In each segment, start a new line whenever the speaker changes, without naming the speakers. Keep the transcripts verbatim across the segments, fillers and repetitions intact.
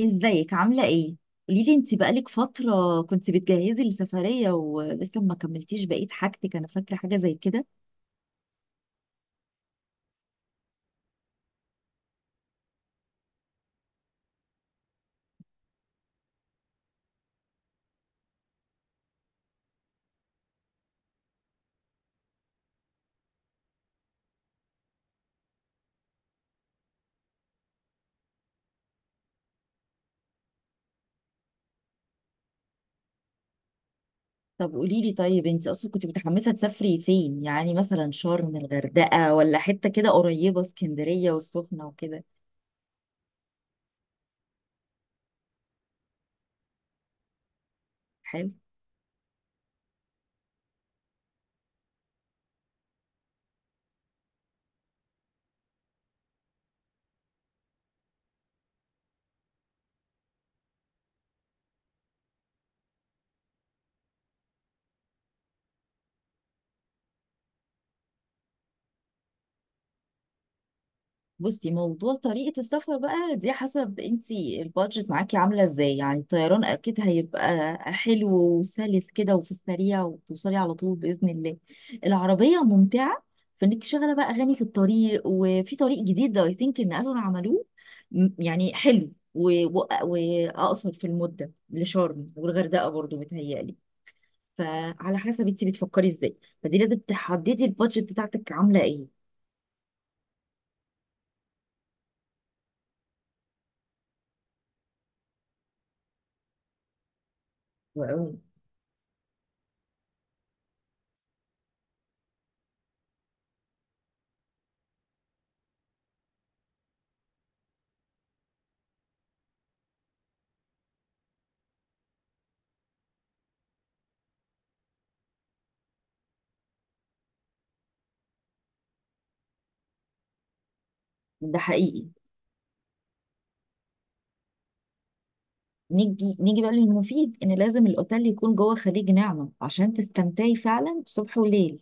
ازيك عاملة ايه؟ قوليلي، انت بقالك فترة كنت بتجهزي لسفرية ولسه ما كملتيش بقية حاجتك، انا فاكرة حاجة زي كده. طب قوليلي، طيب انت اصلا كنت متحمسة تسافري فين؟ يعني مثلا شرم، الغردقة، ولا حتة كده قريبة اسكندرية والسخنة وكده. حلو. بصي، موضوع طريقة السفر بقى دي حسب انتي البادجت معاكي عاملة ازاي. يعني الطيران اكيد هيبقى حلو وسلس كده وفي السريع، وتوصلي على طول بإذن الله. العربية ممتعة فانك شغالة بقى اغاني في الطريق، وفي طريق جديد ده اي ثينك ان قالوا إن عملوه. م- يعني حلو و- و- واقصر في المدة لشرم والغردقة برضو متهيألي. فعلى حسب انتي بتفكري ازاي، فدي لازم تحددي البادجت بتاعتك عاملة ايه. وأقول- ده حقيقي. نيجي نيجي بقى للمفيد، ان لازم الاوتيل يكون جوه خليج نعمة عشان تستمتعي فعلا صبح وليل.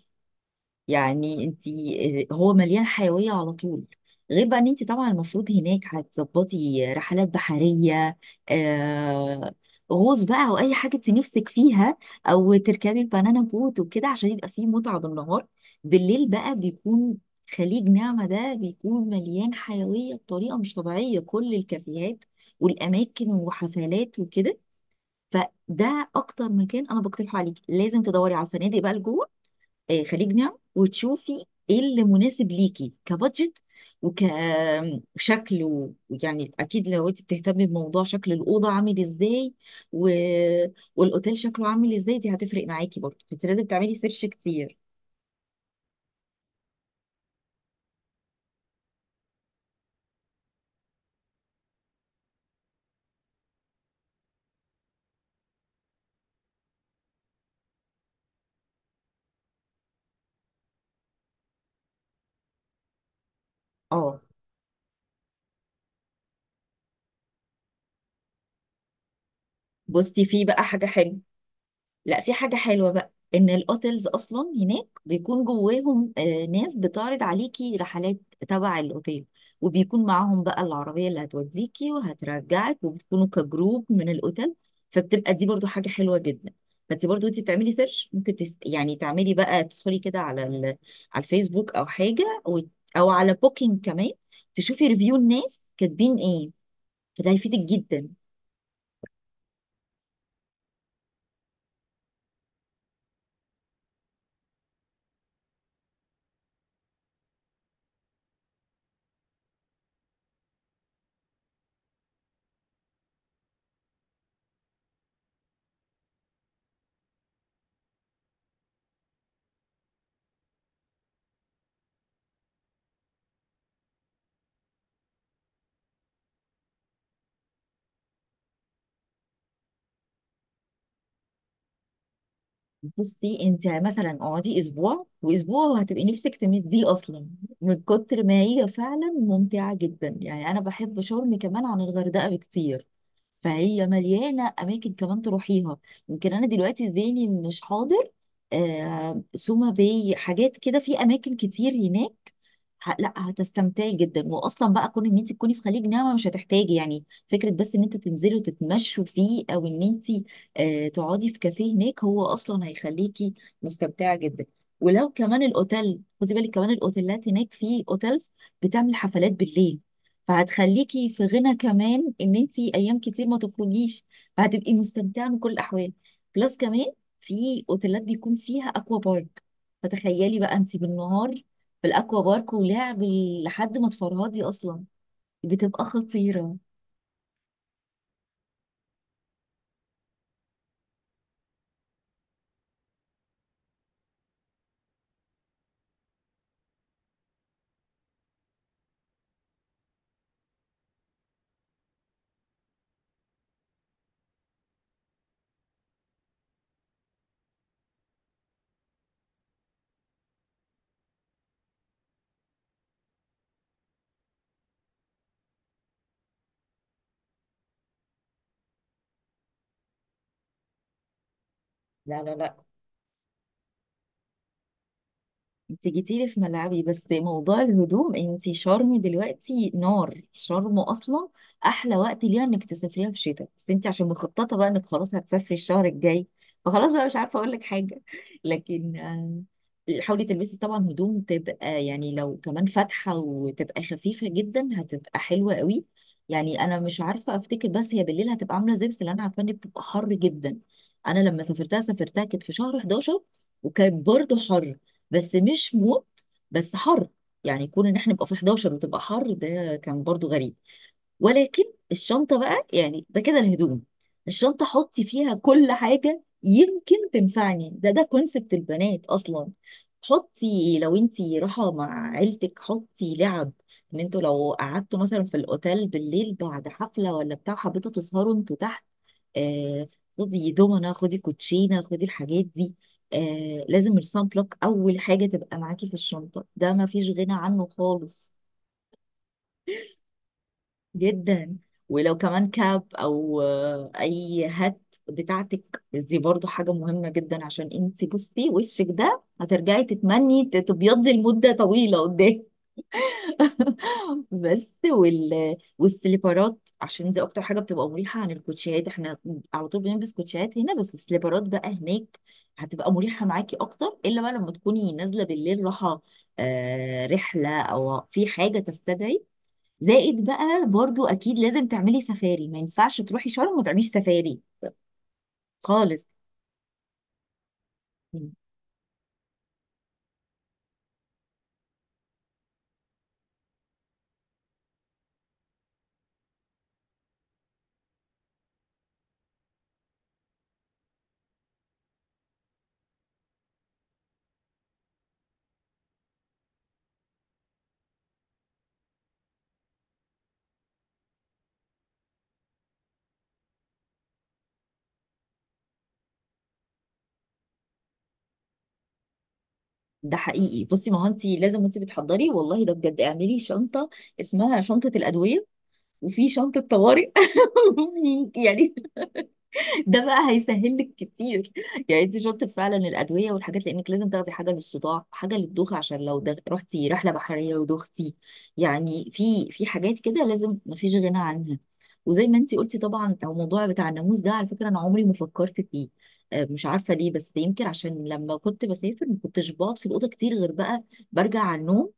يعني انت، آه، هو مليان حيوية على طول. غير بقى ان انت طبعا المفروض هناك هتظبطي رحلات بحرية، آه، غوص بقى او اي حاجة انت نفسك فيها، او تركبي البنانا بوت وكده عشان يبقى فيه متعة بالنهار. بالليل بقى بيكون خليج نعمة ده بيكون مليان حيوية بطريقة مش طبيعية، كل الكافيهات والأماكن وحفلات وكده. فده اكتر مكان انا بقترحه عليكي. لازم تدوري على الفنادق بقى لجوه آه، خليج نعم، وتشوفي ايه اللي مناسب ليكي كبادجت وكشكل. ويعني اكيد لو انت بتهتمي بموضوع شكل الاوضه عامل ازاي و... والاوتيل شكله عامل ازاي، دي هتفرق معاكي برضه، فانت لازم تعملي سيرش كتير. اه بصي، في بقى حاجه حلوه، لا في حاجة حلوة بقى، ان الاوتيلز اصلا هناك بيكون جواهم، آه، ناس بتعرض عليكي رحلات تبع الاوتيل، وبيكون معاهم بقى العربية اللي هتوديكي وهترجعك، وبتكونوا كجروب من الاوتيل. فبتبقى دي برضو حاجة حلوة جدا. فانت برضو انت بتعملي سيرش، ممكن تس... يعني تعملي بقى تدخلي كده على ال... على الفيسبوك او حاجة و... او على بوكينج كمان، تشوفي ريفيو الناس كاتبين ايه، فده هيفيدك جدا. بصي انت مثلا اقعدي اسبوع، واسبوع وهتبقي نفسك تمديه اصلا من كتر ما هي فعلا ممتعه جدا. يعني انا بحب شرم كمان عن الغردقه بكتير، فهي مليانه اماكن كمان تروحيها. يمكن انا دلوقتي ذهني مش حاضر. آه، سوما باي، حاجات كده في اماكن كتير هناك. ه- لا هتستمتعي جدا. واصلا بقى كون ان انت تكوني في خليج نعمه مش هتحتاجي يعني فكره، بس ان انتوا تنزلوا تتمشوا فيه، او ان انت آه تقعدي في كافيه هناك، هو اصلا هيخليكي مستمتعه جدا. ولو كمان الاوتيل، خدي بالك كمان الاوتيلات هناك، في اوتيلز بتعمل حفلات بالليل، فهتخليكي في غنى كمان ان انت ايام كتير ما تخرجيش، فهتبقي مستمتعه من كل الاحوال. بلس كمان في اوتيلات بيكون فيها اكوا بارك، فتخيلي بقى انت بالنهار بالاكوا بارك ولعب لحد ما تفرهدي اصلا، بتبقى خطيره. لا لا لا، انت جيتيلي في ملعبي. بس موضوع الهدوم، انت شرم دلوقتي نار، شرم اصلا احلى وقت ليها انك تسافريها في شتاء، بس انت عشان مخططه بقى انك خلاص هتسافري الشهر الجاي، فخلاص بقى مش عارفه اقول لك حاجه. لكن آه، حاولي تلبسي طبعا هدوم تبقى يعني لو كمان فاتحه وتبقى خفيفه جدا، هتبقى حلوه قوي. يعني انا مش عارفه افتكر، بس هي بالليل هتبقى عامله زي، بس اللي انا عارفه ان بتبقى حر جدا. انا لما سافرتها سافرتها كانت في شهر إحداشر، وكان برضه حر، بس مش موت، بس حر. يعني يكون ان احنا نبقى في إحداشر وتبقى حر ده كان برضو غريب. ولكن الشنطة بقى، يعني ده كده الهدوم. الشنطة حطي فيها كل حاجة يمكن تنفعني، ده ده كونسبت البنات أصلا. حطي لو انتي رايحة مع عيلتك حطي لعب، ان انتوا لو قعدتوا مثلا في الأوتيل بالليل بعد حفلة ولا بتاع، حبيتوا تسهروا انتوا تحت، آه، خدي دومنة، خدي كوتشينة، خدي الحاجات دي. آه لازم السان بلوك أول حاجة تبقى معاكي في الشنطة، ده مفيش غنى عنه خالص، جدا. ولو كمان كاب او آه، اي هات بتاعتك دي برضو حاجة مهمة جدا، عشان انت بصي وشك ده هترجعي تتمني ت- تبيضي لمدة طويلة قدام. بس وال... والسليبرات، عشان دي اكتر حاجة بتبقى مريحة عن الكوتشيات، احنا على طول بنلبس كوتشيات هنا، بس السليبرات بقى هناك هتبقى مريحة معاكي اكتر، الا بقى لما تكوني نازلة بالليل راحة، آه رحلة او في حاجة تستدعي. زائد بقى، برضو اكيد لازم تعملي سفاري، ما ينفعش تروحي شرم وما تعمليش سفاري خالص. ده حقيقي. بصي، ما هو انت لازم وانت بتحضري، والله ده بجد، اعملي شنطه اسمها شنطه الادويه، وفي شنطه طوارئ. وفي- يعني ده بقى هيسهل لك كتير، يعني انت شطت فعلا الادويه والحاجات، لانك لازم تاخدي حاجه للصداع، حاجه للدوخه، عشان لو دغ... رحتي رحله بحريه ودوختي. يعني في في حاجات كده لازم مفيش غنى عنها. وزي ما انت قلتي طبعا، او موضوع بتاع الناموس ده، على فكره انا عمري ما فكرت فيه. آه، مش عارفه ليه، بس يمكن عشان لما كنت بسافر ما كنتش بقعد في الاوضه كتير، غير بقى برجع على النوم،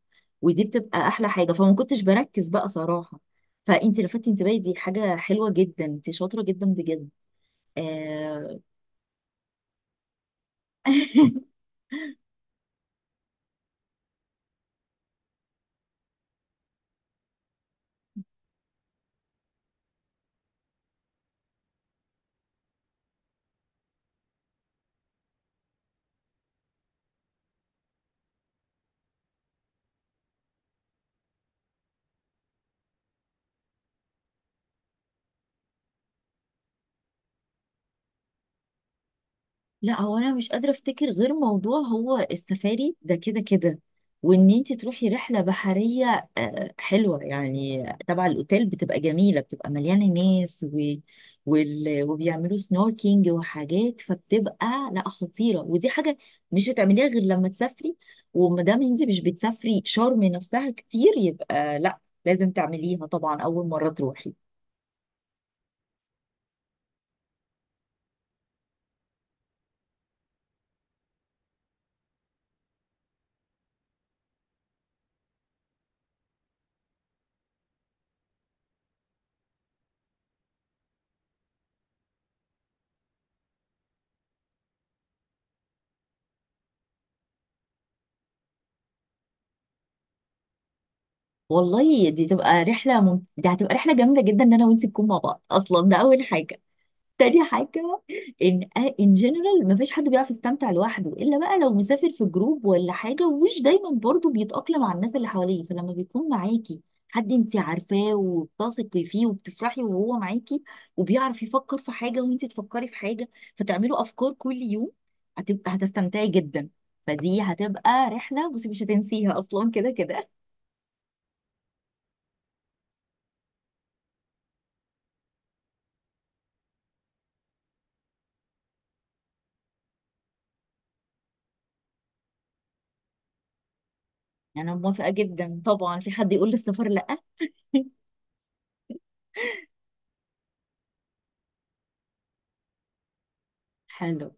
ودي بتبقى احلى حاجه، فما كنتش بركز بقى صراحه. فانت لفتت انتباهي، دي حاجه حلوه جدا، انت شاطره جدا بجد. آه... لا، هو انا مش قادره افتكر غير موضوع هو السفاري ده كده كده، وان انت تروحي رحله بحريه، آه، حلوه يعني تبع الاوتيل، بتبقى جميله، بتبقى مليانه ناس و... وال... وبيعملوا سنوركينج وحاجات، فبتبقى لا خطيره. ودي حاجه مش هتعمليها غير لما تسافري، وما دام انت مش بتسافري شرم نفسها كتير يبقى لا، لازم تعمليها طبعا اول مره تروحي. والله دي تبقى رحلة مم... دي هتبقى رحلة جامدة جدا، ان انا وانتي نكون مع بعض، اصلا ده اول حاجة. تاني حاجة، ان ان جنرال مفيش حد بيعرف يستمتع لوحده، الا بقى لو مسافر في جروب ولا حاجة، ومش دايما برضو بيتأقلم مع الناس اللي حواليه. فلما بيكون معاكي حد انتي عارفاه وبتثقي فيه وبتفرحي وهو معاكي، وبيعرف يفكر في حاجة وانتي تفكري في حاجة، فتعملوا افكار كل يوم، هتبقى هتستمتعي جدا. فدي هتبقى رحلة، بصي، مش هتنسيها اصلا كده كده. يعني انا موافقة جدا طبعا، في حد يقول للسفر لا؟ حلو،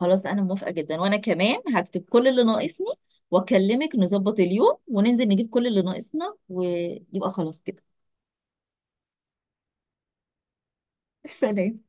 خلاص انا موافقة جدا، وانا كمان هكتب كل اللي ناقصني، واكلمك نظبط اليوم وننزل نجيب كل اللي ناقصنا، ويبقى خلاص كده. سلام.